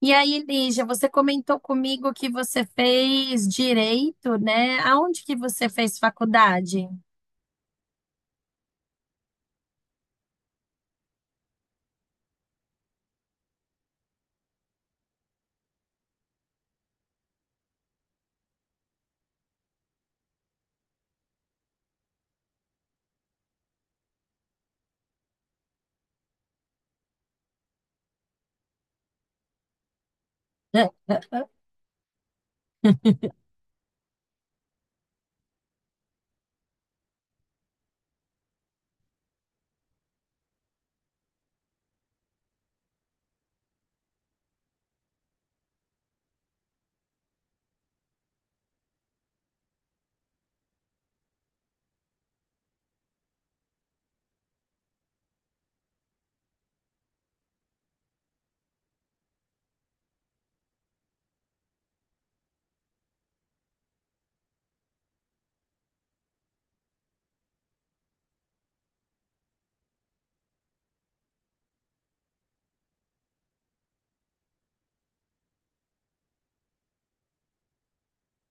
E aí, Lígia, você comentou comigo que você fez direito, né? Aonde que você fez faculdade?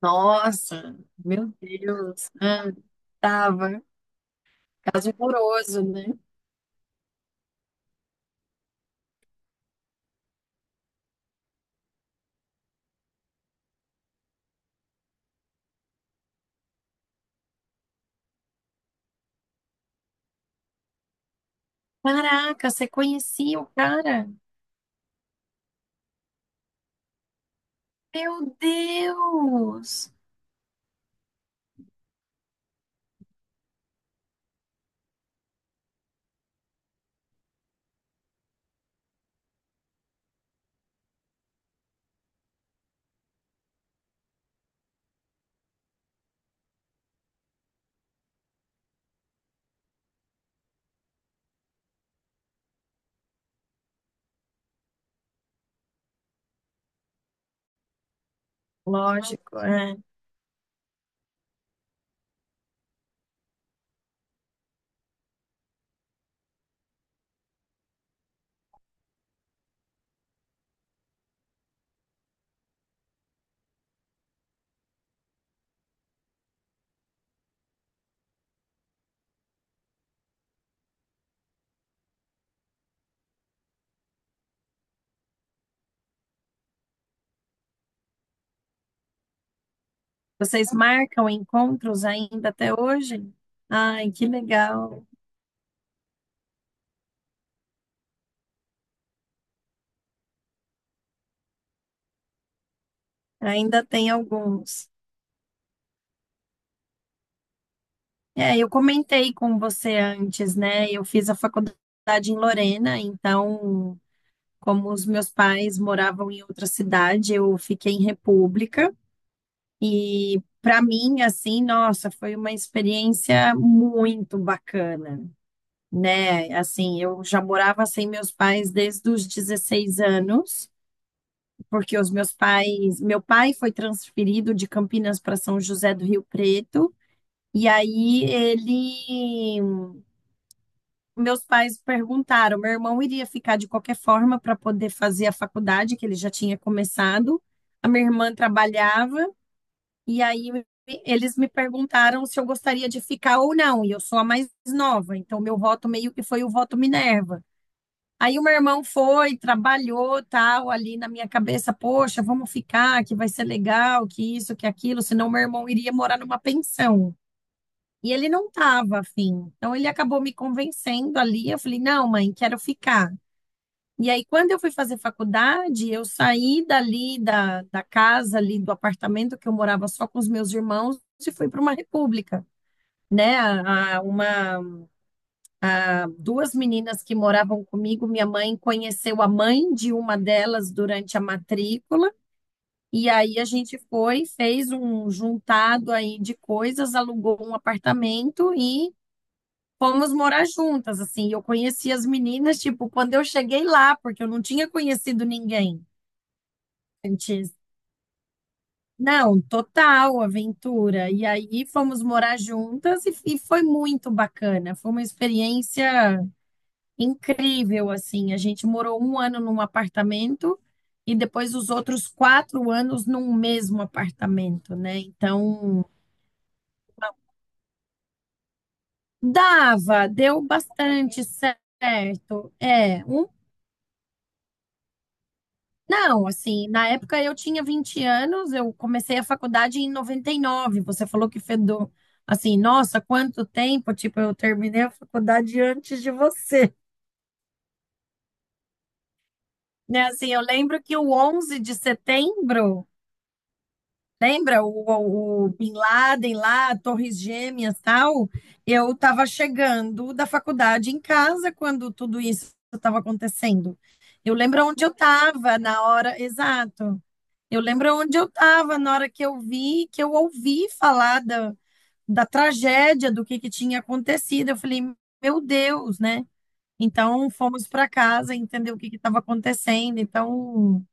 Nossa, meu Deus, ah, tava caso horroroso, né? Caraca, você conhecia o cara? Meu Deus! Lógico, é. Vocês marcam encontros ainda até hoje? Ai, que legal. Ainda tem alguns. É, eu comentei com você antes, né? Eu fiz a faculdade em Lorena, então, como os meus pais moravam em outra cidade, eu fiquei em República. E para mim, assim, nossa, foi uma experiência muito bacana, né? Assim, eu já morava sem meus pais desde os 16 anos, porque os meus pais, meu pai foi transferido de Campinas para São José do Rio Preto. E aí ele meus pais perguntaram, meu irmão iria ficar de qualquer forma para poder fazer a faculdade, que ele já tinha começado. A minha irmã trabalhava, e aí eles me perguntaram se eu gostaria de ficar ou não, e eu sou a mais nova, então meu voto meio que foi o voto Minerva. Aí o meu irmão foi, trabalhou, tal, ali na minha cabeça, poxa, vamos ficar, que vai ser legal, que isso, que aquilo, senão meu irmão iria morar numa pensão. E ele não estava afim. Então ele acabou me convencendo ali. Eu falei, não, mãe, quero ficar. E aí, quando eu fui fazer faculdade, eu saí dali da casa, ali do apartamento que eu morava só com os meus irmãos e fui para uma república, né? Duas meninas que moravam comigo, minha mãe conheceu a mãe de uma delas durante a matrícula. E aí a gente foi, fez um juntado aí de coisas, alugou um apartamento e fomos morar juntas, assim. Eu conheci as meninas, tipo, quando eu cheguei lá, porque eu não tinha conhecido ninguém antes. Não, total aventura. E aí fomos morar juntas e foi muito bacana. Foi uma experiência incrível, assim. A gente morou um ano num apartamento e depois os outros 4 anos num mesmo apartamento, né? Então, dava, deu bastante certo. É, não, assim, na época eu tinha 20 anos, eu comecei a faculdade em 99. Você falou que fez assim, nossa, quanto tempo, tipo, eu terminei a faculdade antes de você. Né, assim, eu lembro que o 11 de setembro. Lembra o Bin Laden lá, Torres Gêmeas, tal? Eu estava chegando da faculdade em casa quando tudo isso estava acontecendo. Eu lembro onde eu estava na hora, exato. Eu lembro onde eu estava na hora que eu vi, que eu ouvi falar da tragédia, do que tinha acontecido. Eu falei, meu Deus, né? Então fomos para casa entender o que que estava acontecendo. Então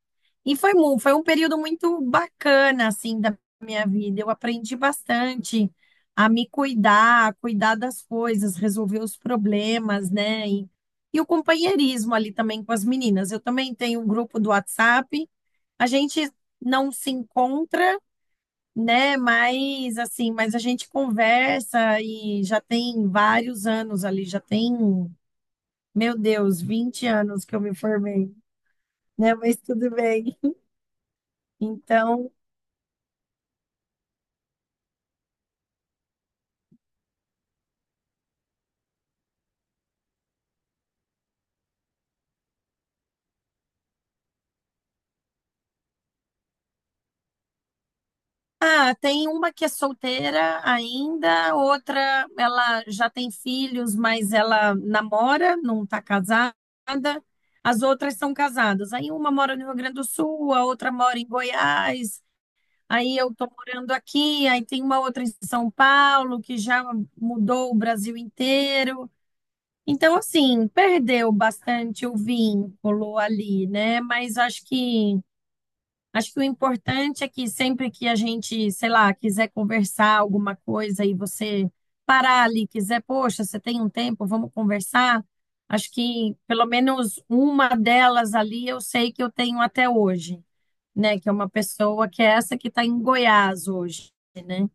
e foi um período muito bacana, assim, da minha vida. Eu aprendi bastante a me cuidar, a cuidar das coisas, resolver os problemas, né? E o companheirismo ali também com as meninas. Eu também tenho um grupo do WhatsApp. A gente não se encontra, né? Mas, assim, mas a gente conversa e já tem vários anos ali, já tem, meu Deus, 20 anos que eu me formei, né? Mas tudo bem. Então, ah, tem uma que é solteira ainda, outra ela já tem filhos, mas ela namora, não está casada. As outras são casadas. Aí uma mora no Rio Grande do Sul, a outra mora em Goiás. Aí eu estou morando aqui, aí tem uma outra em São Paulo que já mudou o Brasil inteiro. Então, assim, perdeu bastante o vínculo ali, né? Mas acho que o importante é que sempre que a gente, sei lá, quiser conversar alguma coisa e você parar ali, quiser, poxa, você tem um tempo, vamos conversar. Acho que pelo menos uma delas ali eu sei que eu tenho até hoje, né? Que é uma pessoa que é essa que está em Goiás hoje, né?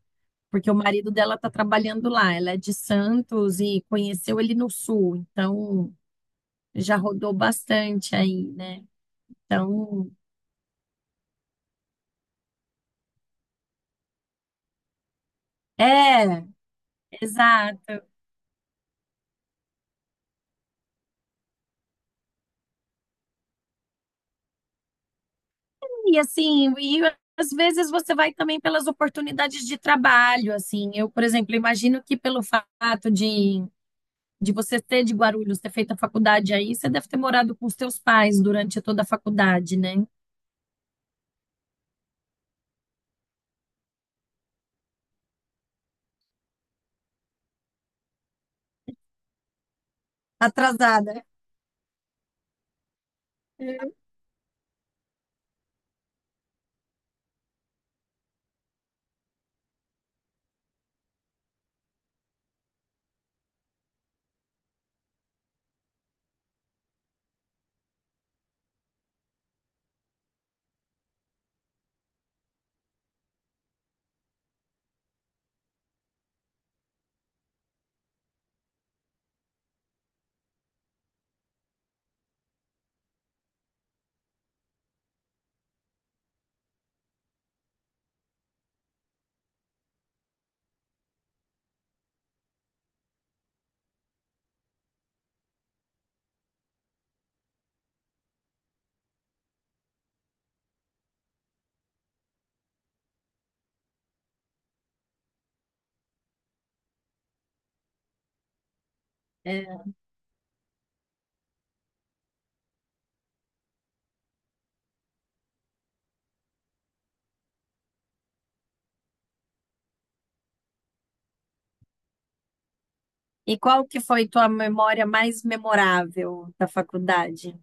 Porque o marido dela está trabalhando lá. Ela é de Santos e conheceu ele no Sul, então já rodou bastante aí, né? Então, é, exato. E assim, e às vezes você vai também pelas oportunidades de trabalho, assim. Eu, por exemplo, imagino que pelo fato de você ser de Guarulhos, ter feito a faculdade aí, você deve ter morado com os seus pais durante toda a faculdade, né? Atrasada. É. E qual que foi tua memória mais memorável da faculdade?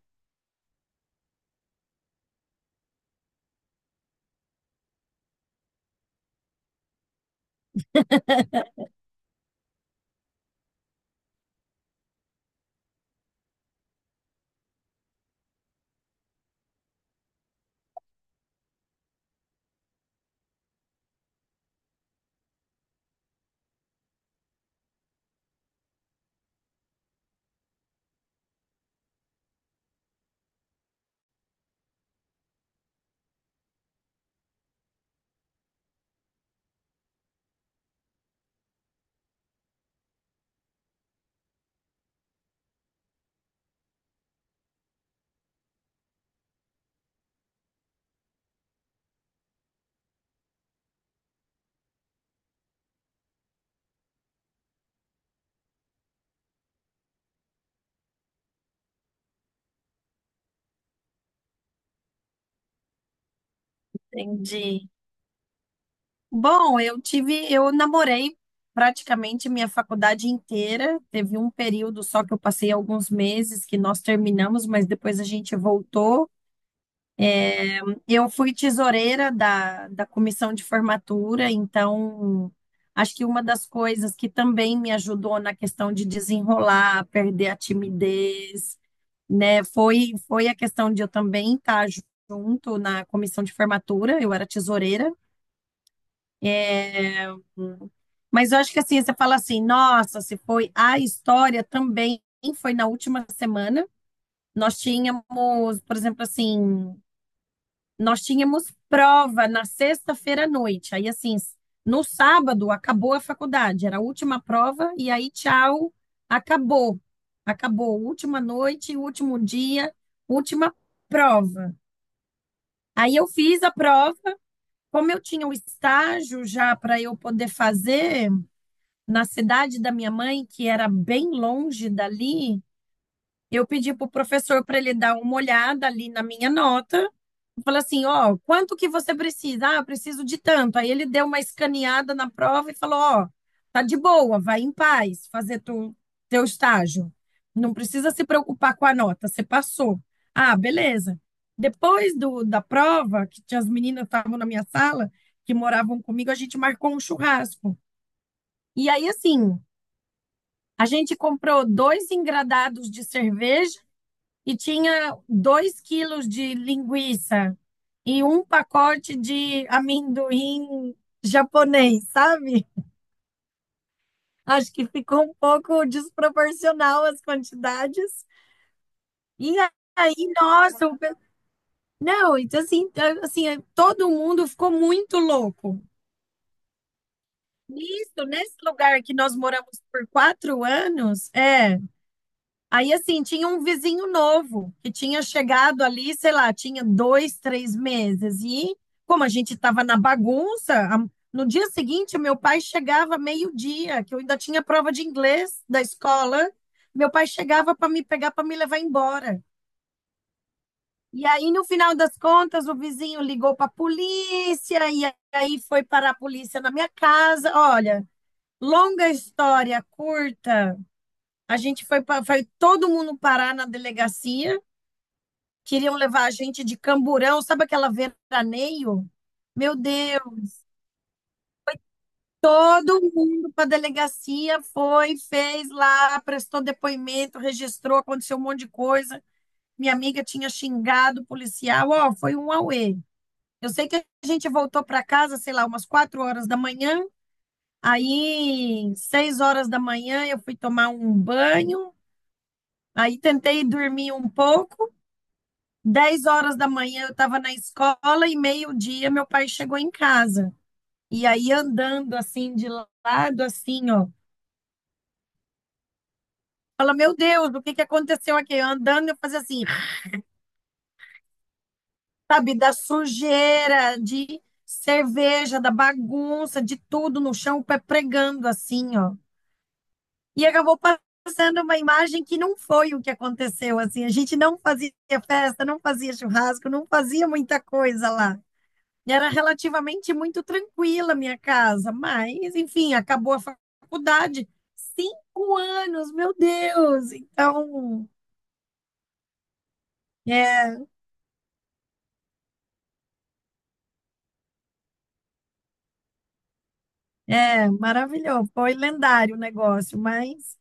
Entendi. Bom, eu tive, eu namorei praticamente minha faculdade inteira. Teve um período só que eu passei alguns meses que nós terminamos, mas depois a gente voltou. Eu fui tesoureira da comissão de formatura, então acho que uma das coisas que também me ajudou na questão de desenrolar, perder a timidez, né, foi a questão de eu também estar junto na comissão de formatura. Eu era tesoureira. É. Mas eu acho que assim, você fala assim, nossa, se foi a história também foi na última semana. Nós tínhamos, por exemplo, assim, nós tínhamos prova na sexta-feira à noite. Aí, assim, no sábado acabou a faculdade, era a última prova, e aí, tchau, acabou. Acabou, última noite, último dia, última prova. Aí eu fiz a prova, como eu tinha o estágio já para eu poder fazer, na cidade da minha mãe, que era bem longe dali, eu pedi para o professor para ele dar uma olhada ali na minha nota. Eu falei assim, ó, quanto que você precisa? Ah, eu preciso de tanto. Aí ele deu uma escaneada na prova e falou, ó, tá de boa, vai em paz fazer teu estágio. Não precisa se preocupar com a nota, você passou. Ah, beleza. Depois da prova, que tinha as meninas que estavam na minha sala, que moravam comigo, a gente marcou um churrasco. E aí, assim, a gente comprou dois engradados de cerveja e tinha 2 quilos de linguiça e um pacote de amendoim japonês, sabe? Acho que ficou um pouco desproporcional as quantidades. E aí, nossa, não, então assim, assim, todo mundo ficou muito louco. Nisso, nesse lugar que nós moramos por 4 anos, é. Aí, assim, tinha um vizinho novo que tinha chegado ali, sei lá, tinha dois, três meses. E como a gente estava na bagunça, no dia seguinte, meu pai chegava meio-dia, que eu ainda tinha prova de inglês da escola. Meu pai chegava para me pegar, para me levar embora. E aí, no final das contas, o vizinho ligou para a polícia, e aí foi parar a polícia na minha casa. Olha, longa história curta, a gente foi todo mundo parar na delegacia. Queriam levar a gente de Camburão, sabe aquela veraneio? Meu Deus, todo mundo para a delegacia foi, fez lá, prestou depoimento, registrou, aconteceu um monte de coisa. Minha amiga tinha xingado o policial, ó, oh, foi um auê. Eu sei que a gente voltou para casa, sei lá, umas 4 horas da manhã. Aí, 6 horas da manhã, eu fui tomar um banho. Aí, tentei dormir um pouco. 10 horas da manhã eu estava na escola e meio-dia meu pai chegou em casa. E aí andando assim de lado, assim, ó. Fala, meu Deus, o que que aconteceu aqui? Eu andando, eu fazia assim, sabe, da sujeira, de cerveja, da bagunça, de tudo no chão, o pé pregando assim, ó. E acabou passando uma imagem que não foi o que aconteceu, assim. A gente não fazia festa, não fazia churrasco, não fazia muita coisa lá. Era relativamente muito tranquila a minha casa, mas, enfim, acabou a faculdade. 5 anos, meu Deus! Então, é, é maravilhoso. Foi lendário o negócio, mas,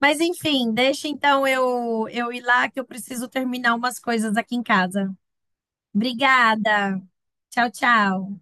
mas enfim, deixa então eu ir lá que eu preciso terminar umas coisas aqui em casa. Obrigada. Tchau, tchau.